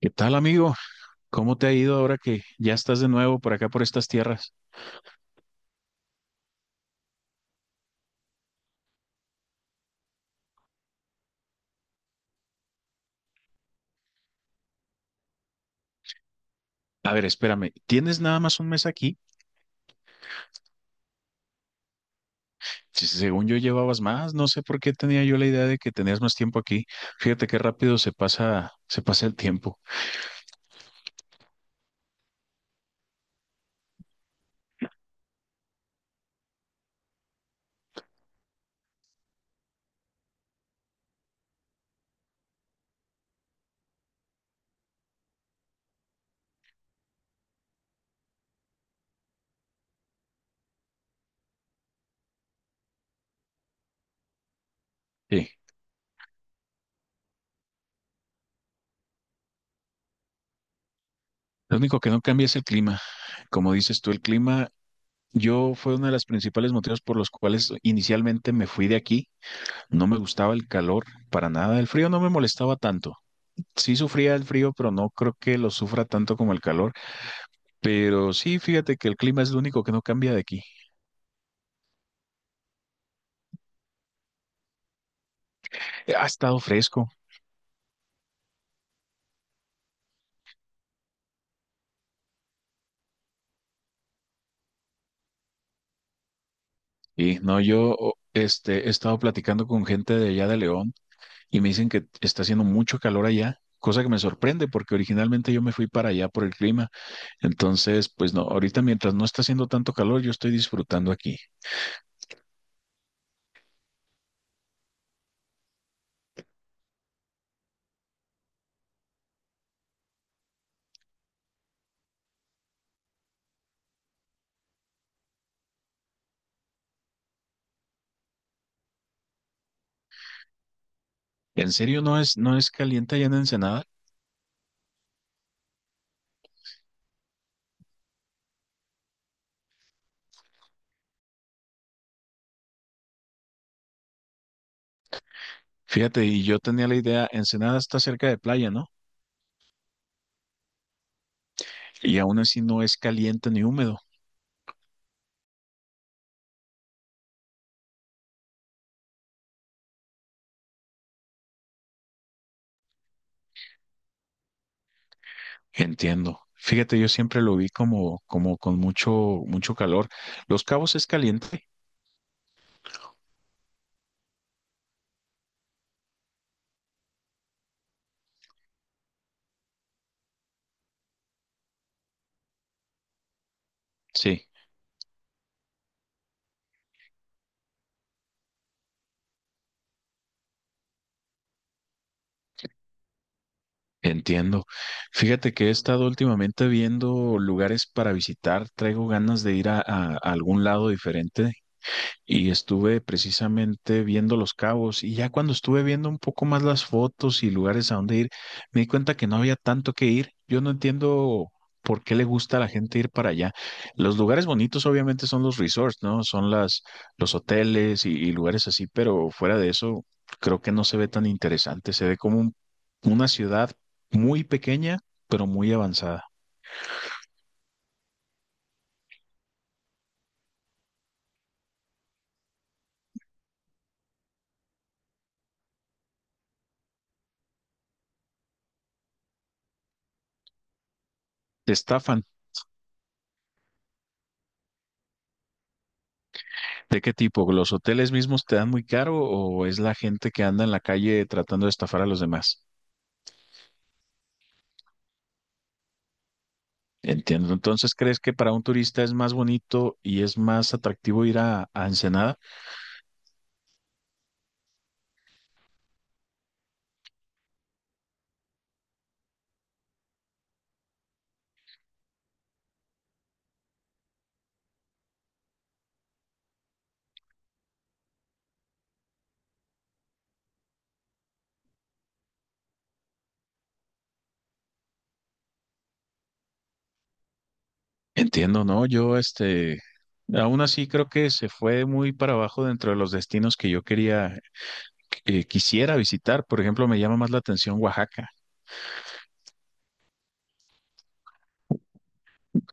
¿Qué tal, amigo? ¿Cómo te ha ido ahora que ya estás de nuevo por acá, por estas tierras? A ver, espérame, ¿tienes nada más un mes aquí? Si según yo llevabas más, no sé por qué tenía yo la idea de que tenías más tiempo aquí. Fíjate qué rápido se pasa el tiempo. Sí, lo único que no cambia es el clima. Como dices tú, el clima, yo fue uno de los principales motivos por los cuales inicialmente me fui de aquí. No me gustaba el calor para nada, el frío no me molestaba tanto. Sí sufría el frío, pero no creo que lo sufra tanto como el calor. Pero sí, fíjate que el clima es lo único que no cambia de aquí. Ha estado fresco y no, yo he estado platicando con gente de allá de León y me dicen que está haciendo mucho calor allá, cosa que me sorprende porque originalmente yo me fui para allá por el clima. Entonces, pues no, ahorita mientras no está haciendo tanto calor, yo estoy disfrutando aquí. ¿En serio no es caliente allá en Ensenada? Fíjate, y yo tenía la idea, Ensenada está cerca de playa, ¿no? Y aún así no es caliente ni húmedo. Entiendo. Fíjate, yo siempre lo vi como con mucho, mucho calor. Los Cabos es caliente. Sí, entiendo. Fíjate que he estado últimamente viendo lugares para visitar. Traigo ganas de ir a algún lado diferente. Y estuve precisamente viendo Los Cabos y ya cuando estuve viendo un poco más las fotos y lugares a donde ir, me di cuenta que no había tanto que ir. Yo no entiendo por qué le gusta a la gente ir para allá. Los lugares bonitos obviamente son los resorts, ¿no? Son las, los hoteles y lugares así, pero fuera de eso creo que no se ve tan interesante. Se ve como una ciudad muy pequeña, pero muy avanzada. Está ¿de qué tipo? ¿Los hoteles mismos te dan muy caro o es la gente que anda en la calle tratando de estafar a los demás? Entiendo. Entonces, ¿crees que para un turista es más bonito y es más atractivo ir a Ensenada? Entiendo, ¿no? Aún así creo que se fue muy para abajo dentro de los destinos que yo quería, que quisiera visitar. Por ejemplo, me llama más la atención Oaxaca.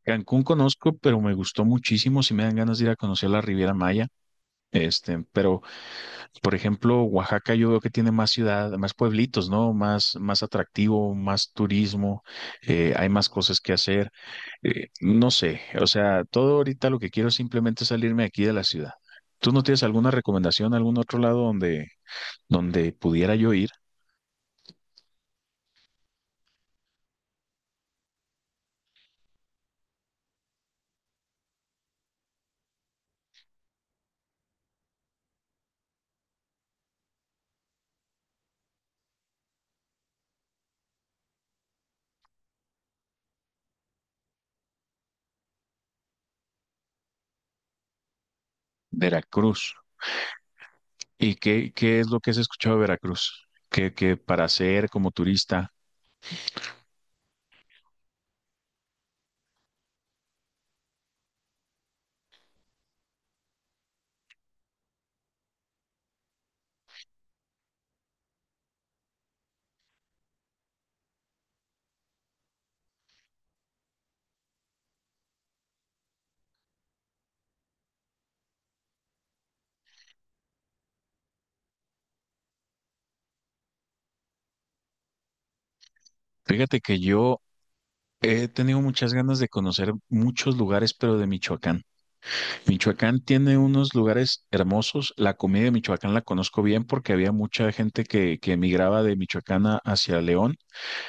Cancún conozco, pero me gustó muchísimo. Si me dan ganas de ir a conocer la Riviera Maya. Pero, por ejemplo, Oaxaca yo veo que tiene más ciudad, más pueblitos, ¿no? Más, más atractivo, más turismo, hay más cosas que hacer. No sé, o sea, todo ahorita lo que quiero es simplemente salirme aquí de la ciudad. ¿Tú no tienes alguna recomendación, algún otro lado donde, donde pudiera yo ir? Veracruz. ¿Y qué es lo que has escuchado de Veracruz? Que para hacer como turista, fíjate que yo he tenido muchas ganas de conocer muchos lugares, pero de Michoacán. Michoacán tiene unos lugares hermosos. La comida de Michoacán la conozco bien porque había mucha gente que emigraba de Michoacán hacia León.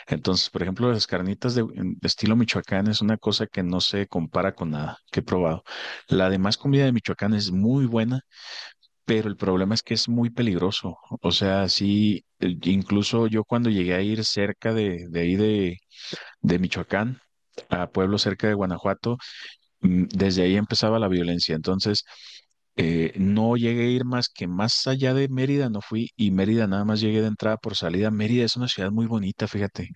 Entonces, por ejemplo, las carnitas de estilo Michoacán es una cosa que no se compara con nada que he probado. La demás comida de Michoacán es muy buena, pero el problema es que es muy peligroso. O sea, sí, incluso yo cuando llegué a ir cerca de ahí de Michoacán, a pueblos cerca de Guanajuato, desde ahí empezaba la violencia. Entonces, no llegué a ir más que más allá de Mérida, no fui y Mérida nada más llegué de entrada por salida. Mérida es una ciudad muy bonita, fíjate.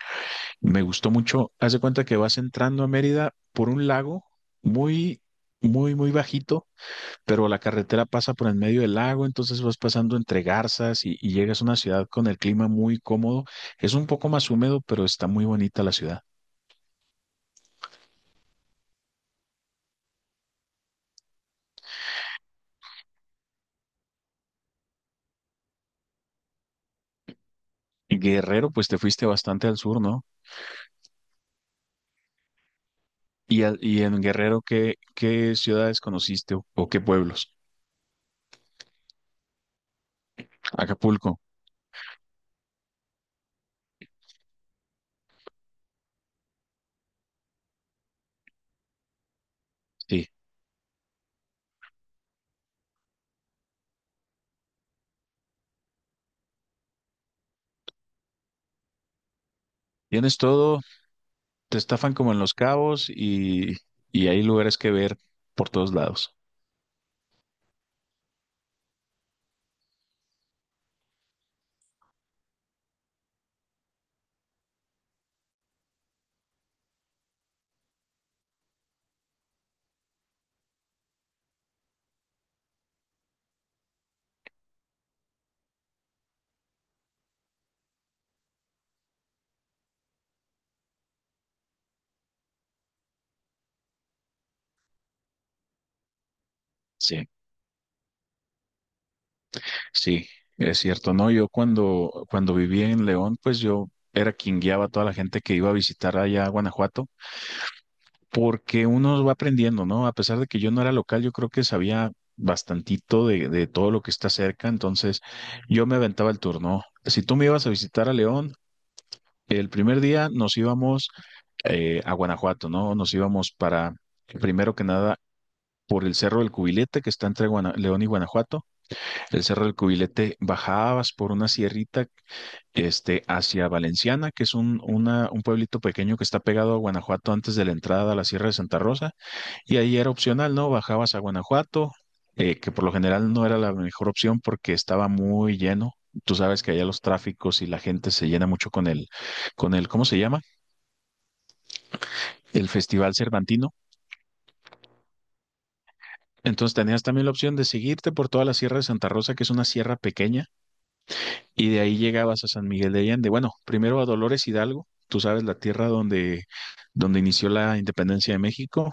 Me gustó mucho. Haz de cuenta que vas entrando a Mérida por un lago muy, muy, muy bajito, pero la carretera pasa por en medio del lago, entonces vas pasando entre garzas y llegas a una ciudad con el clima muy cómodo. Es un poco más húmedo, pero está muy bonita la ciudad. Guerrero, pues te fuiste bastante al sur, ¿no? Y, y en Guerrero, qué ciudades conociste o qué pueblos? Acapulco, sí. Tienes todo, te estafan como en Los Cabos y hay lugares que ver por todos lados. Sí, sí, es cierto. No, yo cuando viví en León, pues yo era quien guiaba a toda la gente que iba a visitar allá a Guanajuato, porque uno va aprendiendo, ¿no? A pesar de que yo no era local, yo creo que sabía bastantito de todo lo que está cerca, entonces yo me aventaba el turno. Si tú me ibas a visitar a León, el primer día nos íbamos a Guanajuato, ¿no? Nos íbamos para, primero que nada, por el Cerro del Cubilete, que está entre León y Guanajuato. El Cerro del Cubilete bajabas por una sierrita, hacia Valenciana, que es un pueblito pequeño que está pegado a Guanajuato antes de la entrada a la Sierra de Santa Rosa. Y ahí era opcional, ¿no? Bajabas a Guanajuato, que por lo general no era la mejor opción porque estaba muy lleno. Tú sabes que allá los tráficos y la gente se llena mucho con el, ¿cómo se llama? El Festival Cervantino. Entonces tenías también la opción de seguirte por toda la Sierra de Santa Rosa, que es una sierra pequeña, y de ahí llegabas a San Miguel de Allende. Bueno, primero a Dolores Hidalgo, tú sabes, la tierra donde, donde inició la independencia de México,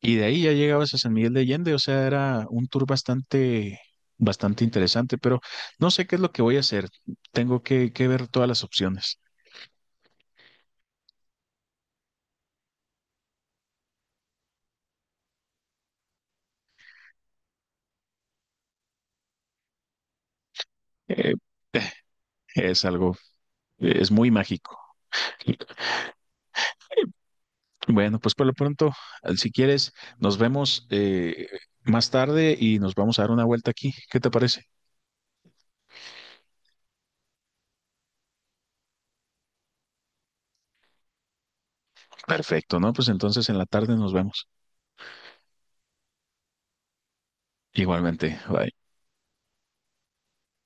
y de ahí ya llegabas a San Miguel de Allende, o sea, era un tour bastante, bastante interesante, pero no sé qué es lo que voy a hacer, tengo que ver todas las opciones. Eh, es algo, es muy mágico. Bueno, pues por lo pronto, si quieres, nos vemos más tarde y nos vamos a dar una vuelta aquí. ¿Qué te parece? Perfecto, ¿no? Pues entonces en la tarde nos vemos. Igualmente, bye.